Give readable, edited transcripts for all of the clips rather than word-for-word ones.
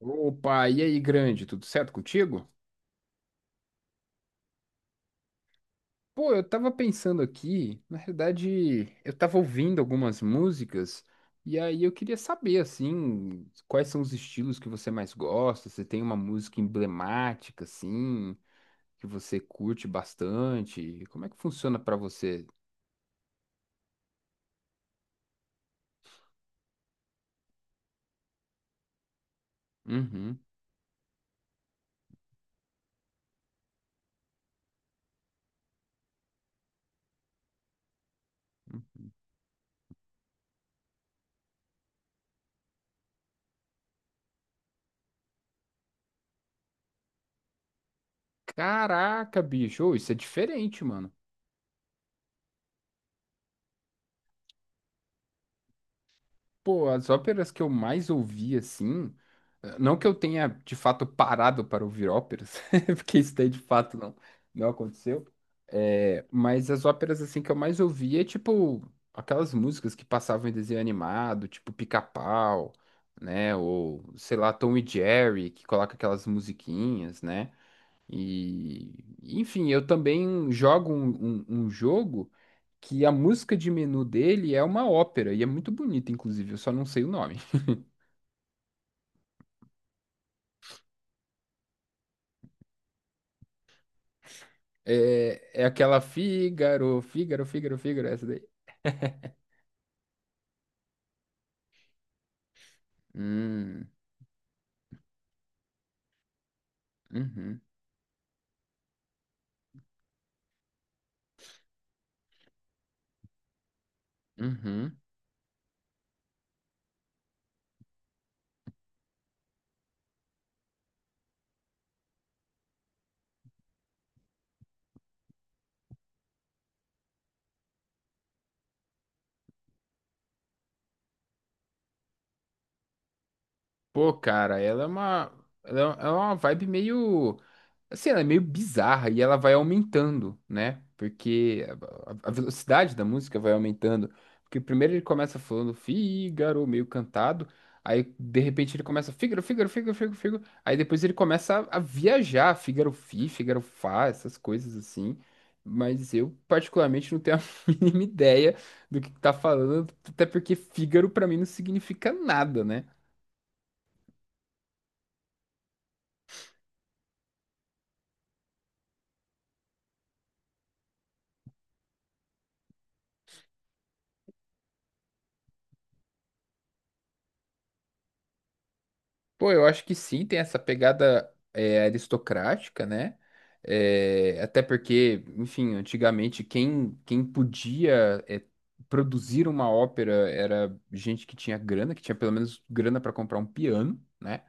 Opa, e aí, grande, tudo certo contigo? Pô, eu tava pensando aqui, na realidade, eu tava ouvindo algumas músicas e aí eu queria saber, assim, quais são os estilos que você mais gosta, se tem uma música emblemática, assim, que você curte bastante, como é que funciona pra você? Uhum. Caraca, bicho, ô, isso é diferente, mano. Pô, as óperas que eu mais ouvi, assim, não que eu tenha de fato parado para ouvir óperas, porque isso daí de fato não aconteceu, mas as óperas, assim, que eu mais ouvi é tipo aquelas músicas que passavam em desenho animado, tipo Pica-Pau, né, ou sei lá, Tom e Jerry, que coloca aquelas musiquinhas, né, e, enfim, eu também jogo um jogo que a música de menu dele é uma ópera e é muito bonita, inclusive, eu só não sei o nome. É aquela Fígaro, Fígaro, Fígaro, Fígaro, essa daí. Hum, uhum, uhum. Pô, cara, ela é uma vibe meio. Assim, ela é meio bizarra e ela vai aumentando, né? Porque a velocidade da música vai aumentando. Porque primeiro ele começa falando Fígaro, meio cantado. Aí, de repente, ele começa Fígaro, Fígaro, Fígaro, Fígaro, Fígaro. Aí depois ele começa a viajar, Fígaro Fi, Fígaro Fá, essas coisas assim. Mas eu, particularmente, não tenho a mínima ideia do que tá falando. Até porque Fígaro, pra mim, não significa nada, né? Pô, eu acho que sim, tem essa pegada aristocrática, né? É, até porque, enfim, antigamente quem podia produzir uma ópera era gente que tinha grana, que tinha pelo menos grana para comprar um piano, né?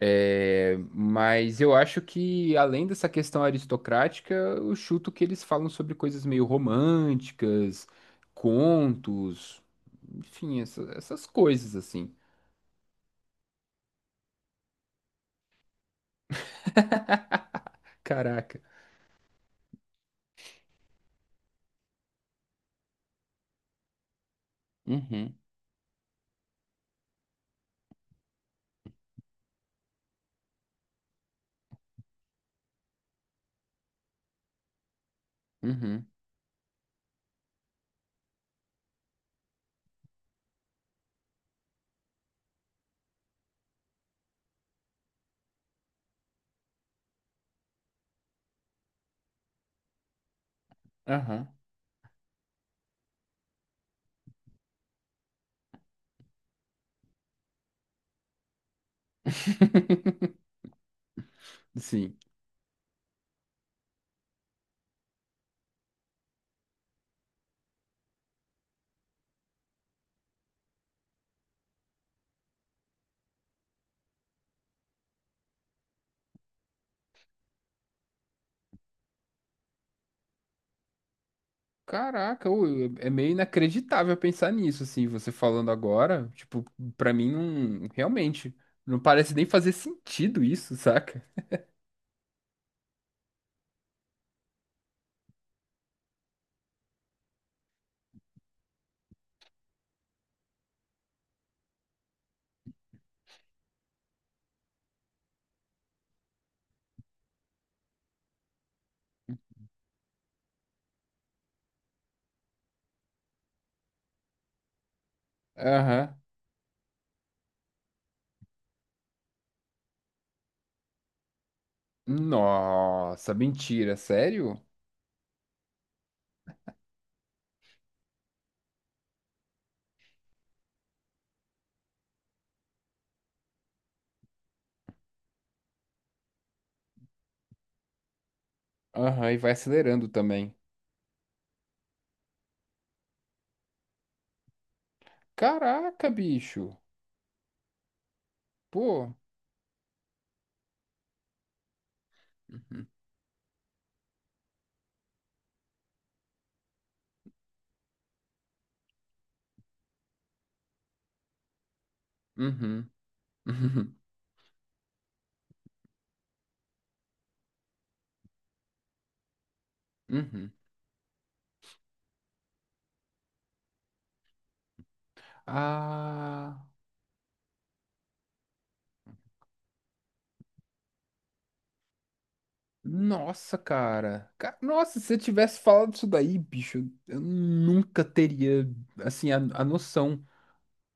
É, mas eu acho que, além dessa questão aristocrática, eu chuto que eles falam sobre coisas meio românticas, contos, enfim, essas coisas assim. Caraca. Uhum, uhum. Aham. Sim. Caraca, ô, é meio inacreditável pensar nisso, assim, você falando agora, tipo, pra mim não, realmente, não parece nem fazer sentido isso, saca? Aham. Nossa, mentira, sério? Aham, e vai acelerando também. Caraca, bicho. Pô. Uhum. Uhum. Uhum. Ah. Nossa, cara. Nossa, se você tivesse falado isso daí, bicho, eu nunca teria, assim, a noção.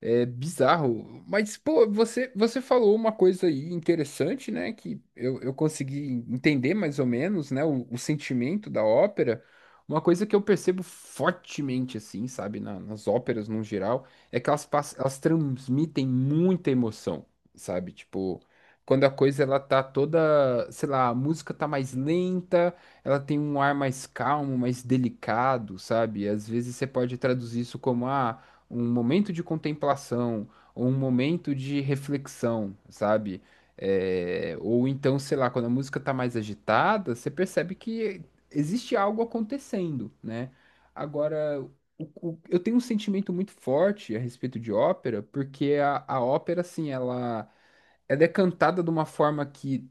É bizarro. Mas, pô, você falou uma coisa aí interessante, né? Que eu consegui entender mais ou menos, né? O sentimento da ópera. Uma coisa que eu percebo fortemente, assim, sabe? Nas óperas, no geral, é que elas transmitem muita emoção, sabe? Tipo, quando a coisa, ela tá toda, sei lá, a música tá mais lenta, ela tem um ar mais calmo, mais delicado, sabe? Às vezes você pode traduzir isso como, ah, um momento de contemplação, ou um momento de reflexão, sabe? É, ou então, sei lá, quando a música tá mais agitada, você percebe que existe algo acontecendo, né? Agora, eu tenho um sentimento muito forte a respeito de ópera, porque a ópera, assim, ela, é cantada de uma forma que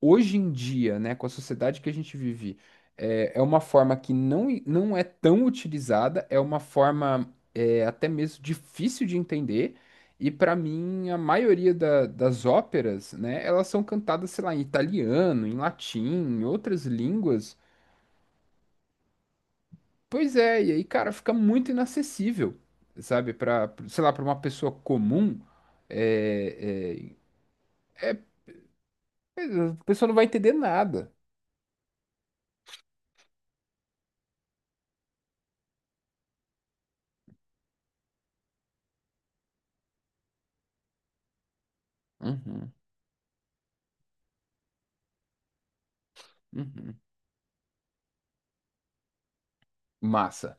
hoje em dia, né, com a sociedade que a gente vive, é uma forma que não é tão utilizada, é uma forma até mesmo difícil de entender. E para mim, a maioria das óperas, né, elas são cantadas, sei lá, em italiano, em latim, em outras línguas. Pois é, e aí, cara, fica muito inacessível, sabe? Para, sei lá, para uma pessoa comum, é, é, é, a pessoa não vai entender nada. Uhum, uhum. Massa.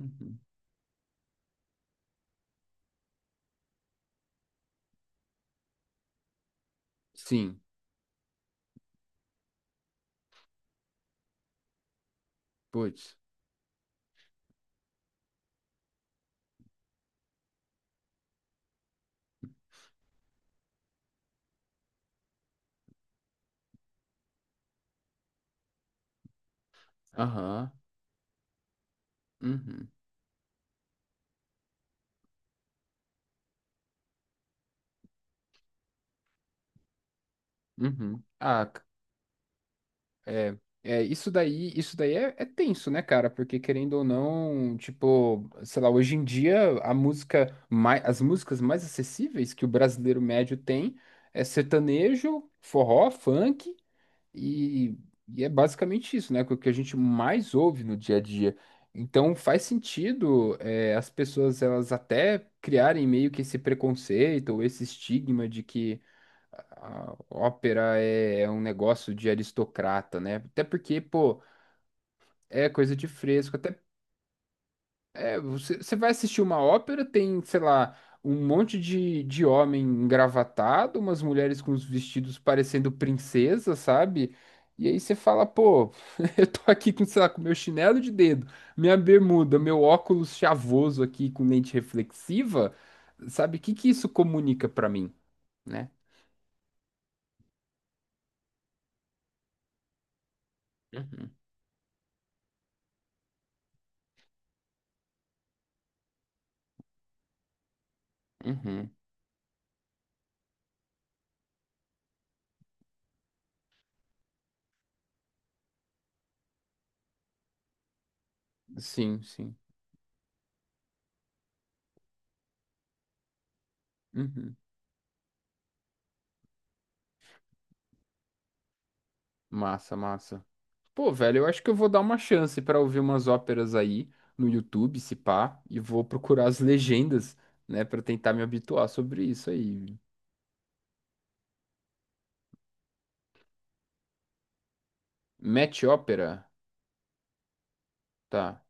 Uhum. Sim, putz. Aham. Uhum. Uhum. Ah, é, isso daí, é tenso, né, cara? Porque querendo ou não, tipo, sei lá, hoje em dia as músicas mais acessíveis que o brasileiro médio tem é sertanejo, forró, funk. E, e é basicamente isso, né, que é o que a gente mais ouve no dia a dia. Então faz sentido, as pessoas elas até criarem meio que esse preconceito ou esse estigma de que a ópera é um negócio de aristocrata, né? Até porque, pô, é coisa de fresco. Até você vai assistir uma ópera, tem, sei lá, um monte de homem engravatado, umas mulheres com os vestidos parecendo princesa, sabe? E aí você fala, pô, eu tô aqui com, sei lá, com meu chinelo de dedo, minha bermuda, meu óculos chavoso aqui com lente reflexiva, sabe? O que que isso comunica pra mim, né? Uhum, uhum. Sim, sim. Uhum. Massa, massa. Pô, velho, eu acho que eu vou dar uma chance pra ouvir umas óperas aí no YouTube, se pá, e vou procurar as legendas, né, pra tentar me habituar sobre isso aí. Match ópera? Tá.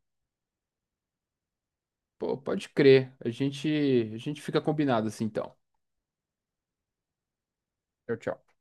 Pô, pode crer. A gente fica combinado assim, então. Tchau, tchau.